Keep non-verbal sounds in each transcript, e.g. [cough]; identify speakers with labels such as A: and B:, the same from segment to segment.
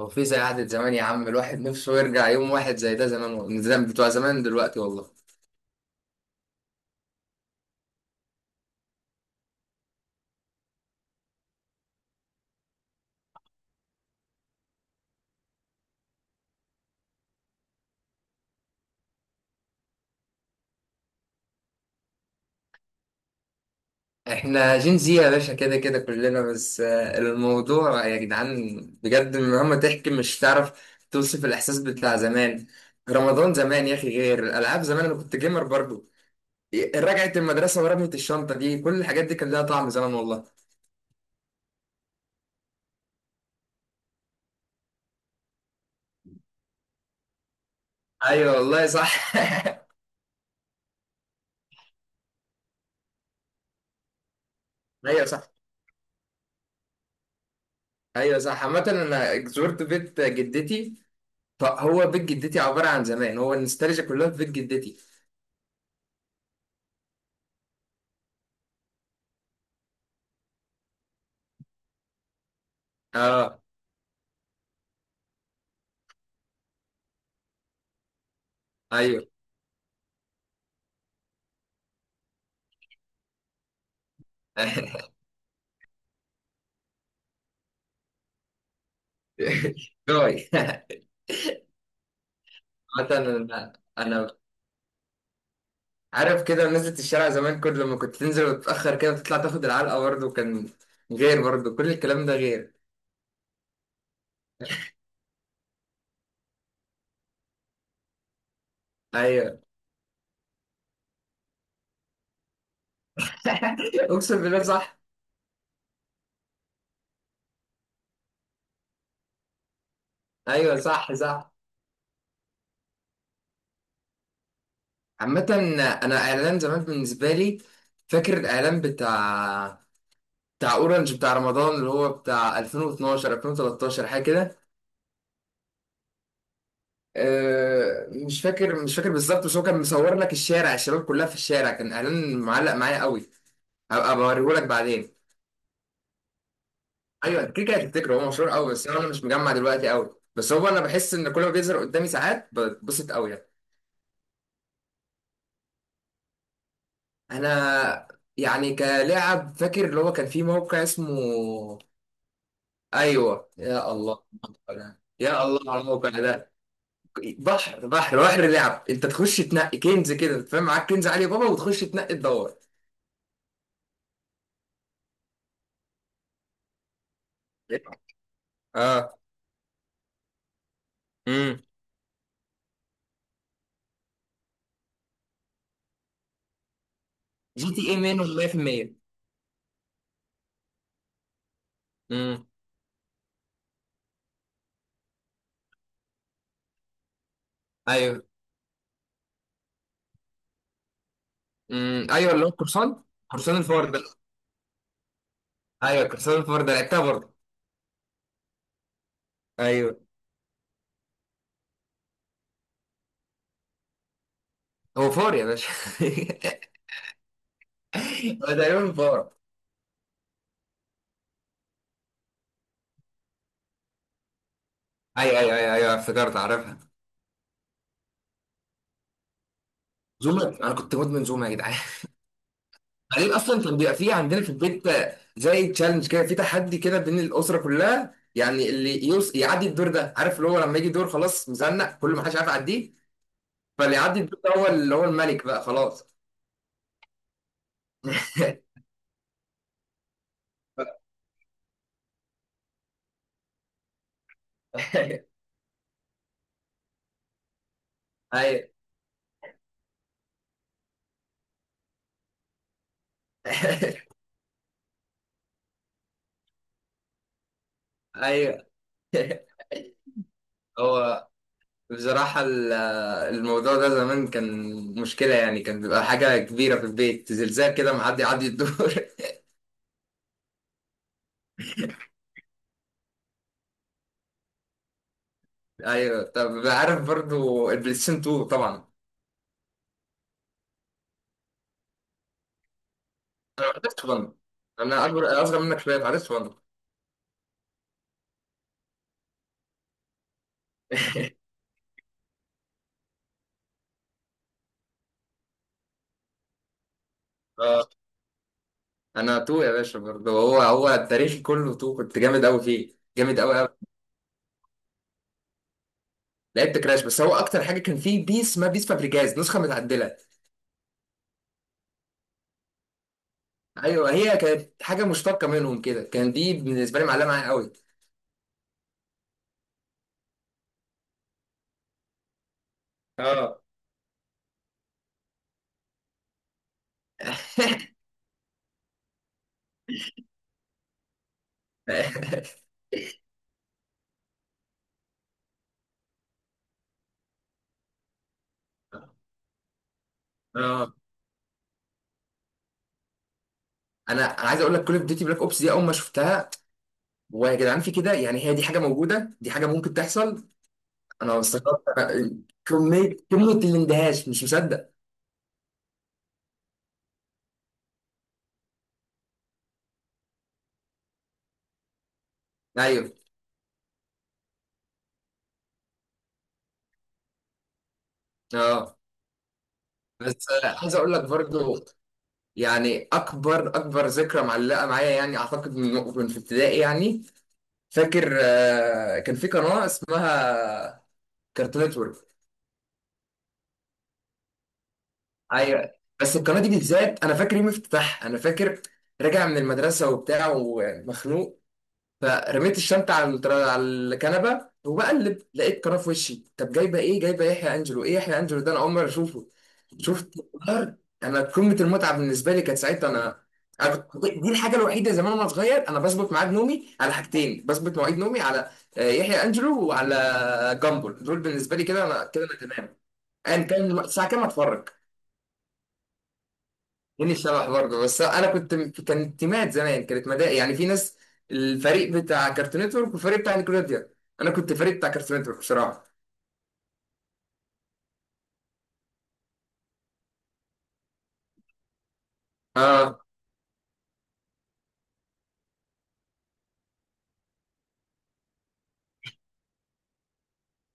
A: هو في زي قعدة زمان يا عم؟ الواحد نفسه يرجع يوم واحد زي ده. زمان والله، زمان بتوع زمان دلوقتي والله. احنا جين زي يا باشا، كده كده كلنا. بس الموضوع يا جدعان بجد مهما تحكي مش تعرف توصف الإحساس بتاع زمان. رمضان زمان يا أخي، غير الألعاب زمان، أنا كنت جيمر برضو. رجعت المدرسة ورمية الشنطة دي، كل الحاجات دي كان لها طعم زمان والله. أيوه والله صح. [laughs] أيوه صح. أيوه صح. عامة أنا زرت بيت جدتي، فهو بيت جدتي عبارة عن زمان، هو النوستالجيا كلها في بيت جدتي. اه. ايوه. [laughs] جاي. عامة [laughs] أنا عارف كده نزلة الشارع زمان، كل لما كنت تنزل وتتأخر كده وتطلع تاخد العلقة برضه، كان غير برضه كل الكلام ده غير. ايوه. [laughs] اقسم بالله صح. ايوه صح صح. عامة، انا اعلان زمان بالنسبة لي، فاكر الاعلان بتاع اورنج بتاع رمضان، اللي هو بتاع 2012 2013 حاجة كده. مش فاكر، مش فاكر بالظبط، بس هو كان مصور لك الشارع، الشباب كلها في الشارع، كان اعلان معلق معايا قوي. هبقى بوريهولك بعدين. ايوه كده كده هتفتكره، هو مشهور قوي، بس انا مش مجمع دلوقتي قوي، بس هو انا بحس ان كل ما بيظهر قدامي ساعات بتبسط قوي يعني. انا يعني كلاعب فاكر اللي هو كان في موقع اسمه. ايوه يا الله. يا الله على الموقع ده، بحر بحر بحر لعب، انت تخش تنقي كنز كده فاهم، معاك كنز علي بابا وتخش تنقي تدور. اه. امم جي تي اي منهم 100%. امم ايوه. ايوه اللي هو قرصان، قرصان الفار ده. ايوه قرصان الفار ده، لعبتها برضه. ايوه، هو فار يا باشا. [laughs] هو تقريبا فار. ايوه ايوه ايوه ايوه، افتكرت عارفها. زوما، انا كنت مدمن زوما يا جدعان. [laughs] بعدين اصلا كان بيبقى في عندنا في البيت زي تشالنج كده، في تحدي كده بين الاسره كلها يعني، اللي يوص يعدي الدور ده، عارف اللي هو لما يجي دور خلاص مزنق، كل ما حدش عارف يعديه، فاللي يعدي الدور ده هو اللي هو الملك بقى خلاص. [laughs] ايوه. [laughs] ايوه. هو بصراحة ال- الموضوع ده زمان كان مشكلة يعني، كان بيبقى حاجة كبيرة في البيت، زلزال كده معدي عدي الدور. [laughs] أيوة، طب عارف برضو البلاي ستيشن 2 طبعا. أنا ما عرفتش ون. أنا أكبر، أصغر منك شوية، ما عرفتش ون. [laughs] آه، أنا 2 يا باشا برضو، هو التاريخ كله 2، كنت جامد أوي فيه، جامد أوي أوي. لعبت كراش، بس هو أكتر حاجة كان فيه بيس ما بيس فابريجاز، نسخة متعدلة. أيوة، هي كانت حاجة مشتقة منهم كده، كان دي بالنسبة لي معلقة معايا أوي. اه. [laughs] اه، انا عايز اقول لك كل اوف ديوتي بلاك اوبس دي اول ما شفتها، ويا جدعان في كده يعني؟ هي دي حاجه موجوده، دي حاجه ممكن تحصل؟ انا استغربت، كميه كميه الاندهاش، مش مصدق. ايوه. اه. بس عايز اقول لك برضو يعني، اكبر ذكرى معلقه معايا يعني، اعتقد من في ابتدائي يعني، فاكر كان في قناه اسمها كارتون نتورك. ايوه. بس القناه دي بالذات انا فاكر يوم افتتاحها، انا فاكر راجع من المدرسه وبتاع ومخنوق، فرميت الشنطه على التر- على الكنبه، وبقلب لقيت قناه في وشي، طب جايبه ايه؟ جايبه يحيى انجلو، ايه يحيى انجلو ده، انا اول مره اشوفه، شفت القرار؟ انا قمه المتعه بالنسبه لي كانت ساعتها. انا أنا كنت- دي الحاجه الوحيده زمان وانا صغير، انا بظبط ميعاد نومي على حاجتين، بظبط مواعيد نومي على يحيى انجلو وعلى جامبل، دول بالنسبه لي كده انا كده انا تمام. ايا كان الساعه كام اتفرج. جيني شبح برضه، بس انا كنت، كانت تيمات زمان، كانت مدارس يعني، في ناس الفريق بتاع كارتون نتورك والفريق بتاع نيكلوديا، انا كنت فريق بتاع كارتون نتورك بصراحه. اه.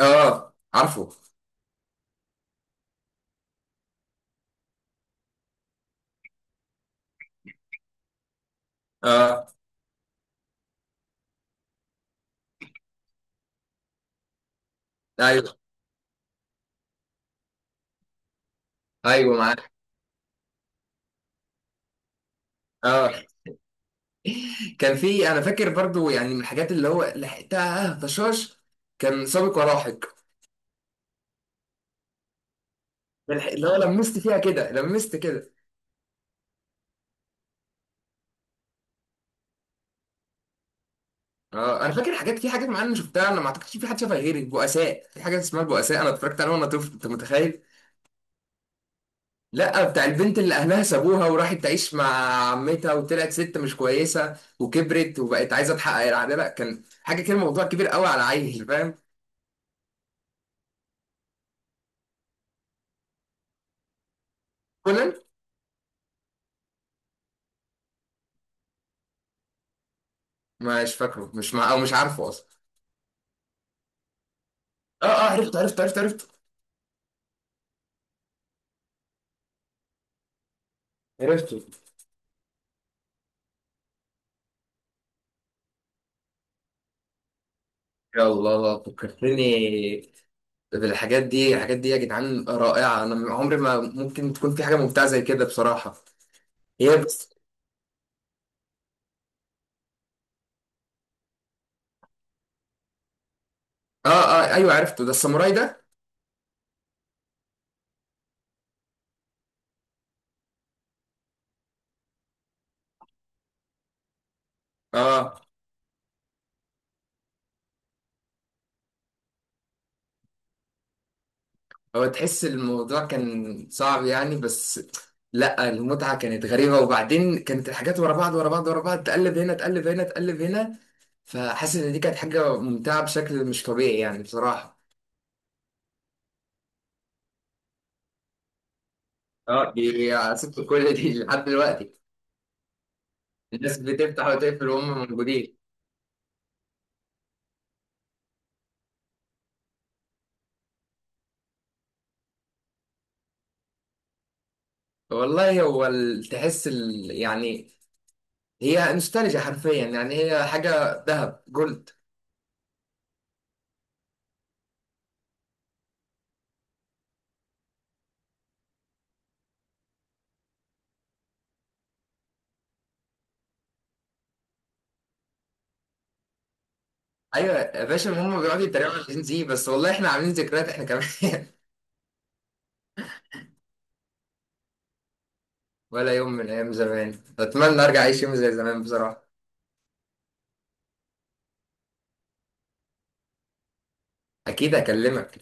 A: اه عارفه. اه. ايوه. ايوه معاك. اه. كان في، انا فاكر برضو يعني من الحاجات اللي هو لحقتها طشاش، كان سابق ولاحق. بلحق- اللي هو لمست فيها كده، لمست كده. اه انا فاكر حاجات، في حاجات معينه شفتها انا ما اعتقدش في حد شافها غيري، البؤساء، في حاجه اسمها البؤساء، انا اتفرجت عليها وانا طفل، انت متخيل؟ لا، بتاع البنت اللي اهلها سابوها وراحت تعيش مع عمتها، وطلعت ست مش كويسه، وكبرت وبقت عايزه تحقق العداله، كان حاجه كده موضوع كبير قوي على عيل فاهم. كونان. مش فاكره، مش مع او مش عارفه اصلا. اه اه، عرفت عرفت عرفت عرفت. عرفته. يا الله فكرتني بالحاجات دي، الحاجات دي يا جدعان رائعه، انا عمري ما ممكن تكون في حاجه ممتعه زي كده بصراحه. هي بس. اه اه ايوه عرفته، ده الساموراي ده. اه. هو تحس الموضوع كان صعب يعني، بس لا المتعة كانت غريبة، وبعدين كانت الحاجات ورا بعض ورا بعض ورا بعض، تقلب هنا تقلب هنا تقلب هنا، فحاسس ان دي كانت حاجة ممتعة بشكل مش طبيعي يعني بصراحة. اه، دي سبت كل دي لحد دلوقتي، الناس بتفتح وتقفل وهم موجودين. والله هو ال- تحس ال... يعني، هي نوستالجيا حرفيا يعني، هي حاجة ذهب جولد. ايوه يا باشا، هم بيقعدوا يتريقوا على الجين زي، بس والله احنا عاملين ذكريات احنا كمان. [laughs] ولا يوم من ايام زمان اتمنى ارجع اعيش يوم زي زمان بصراحه. اكيد اكلمك.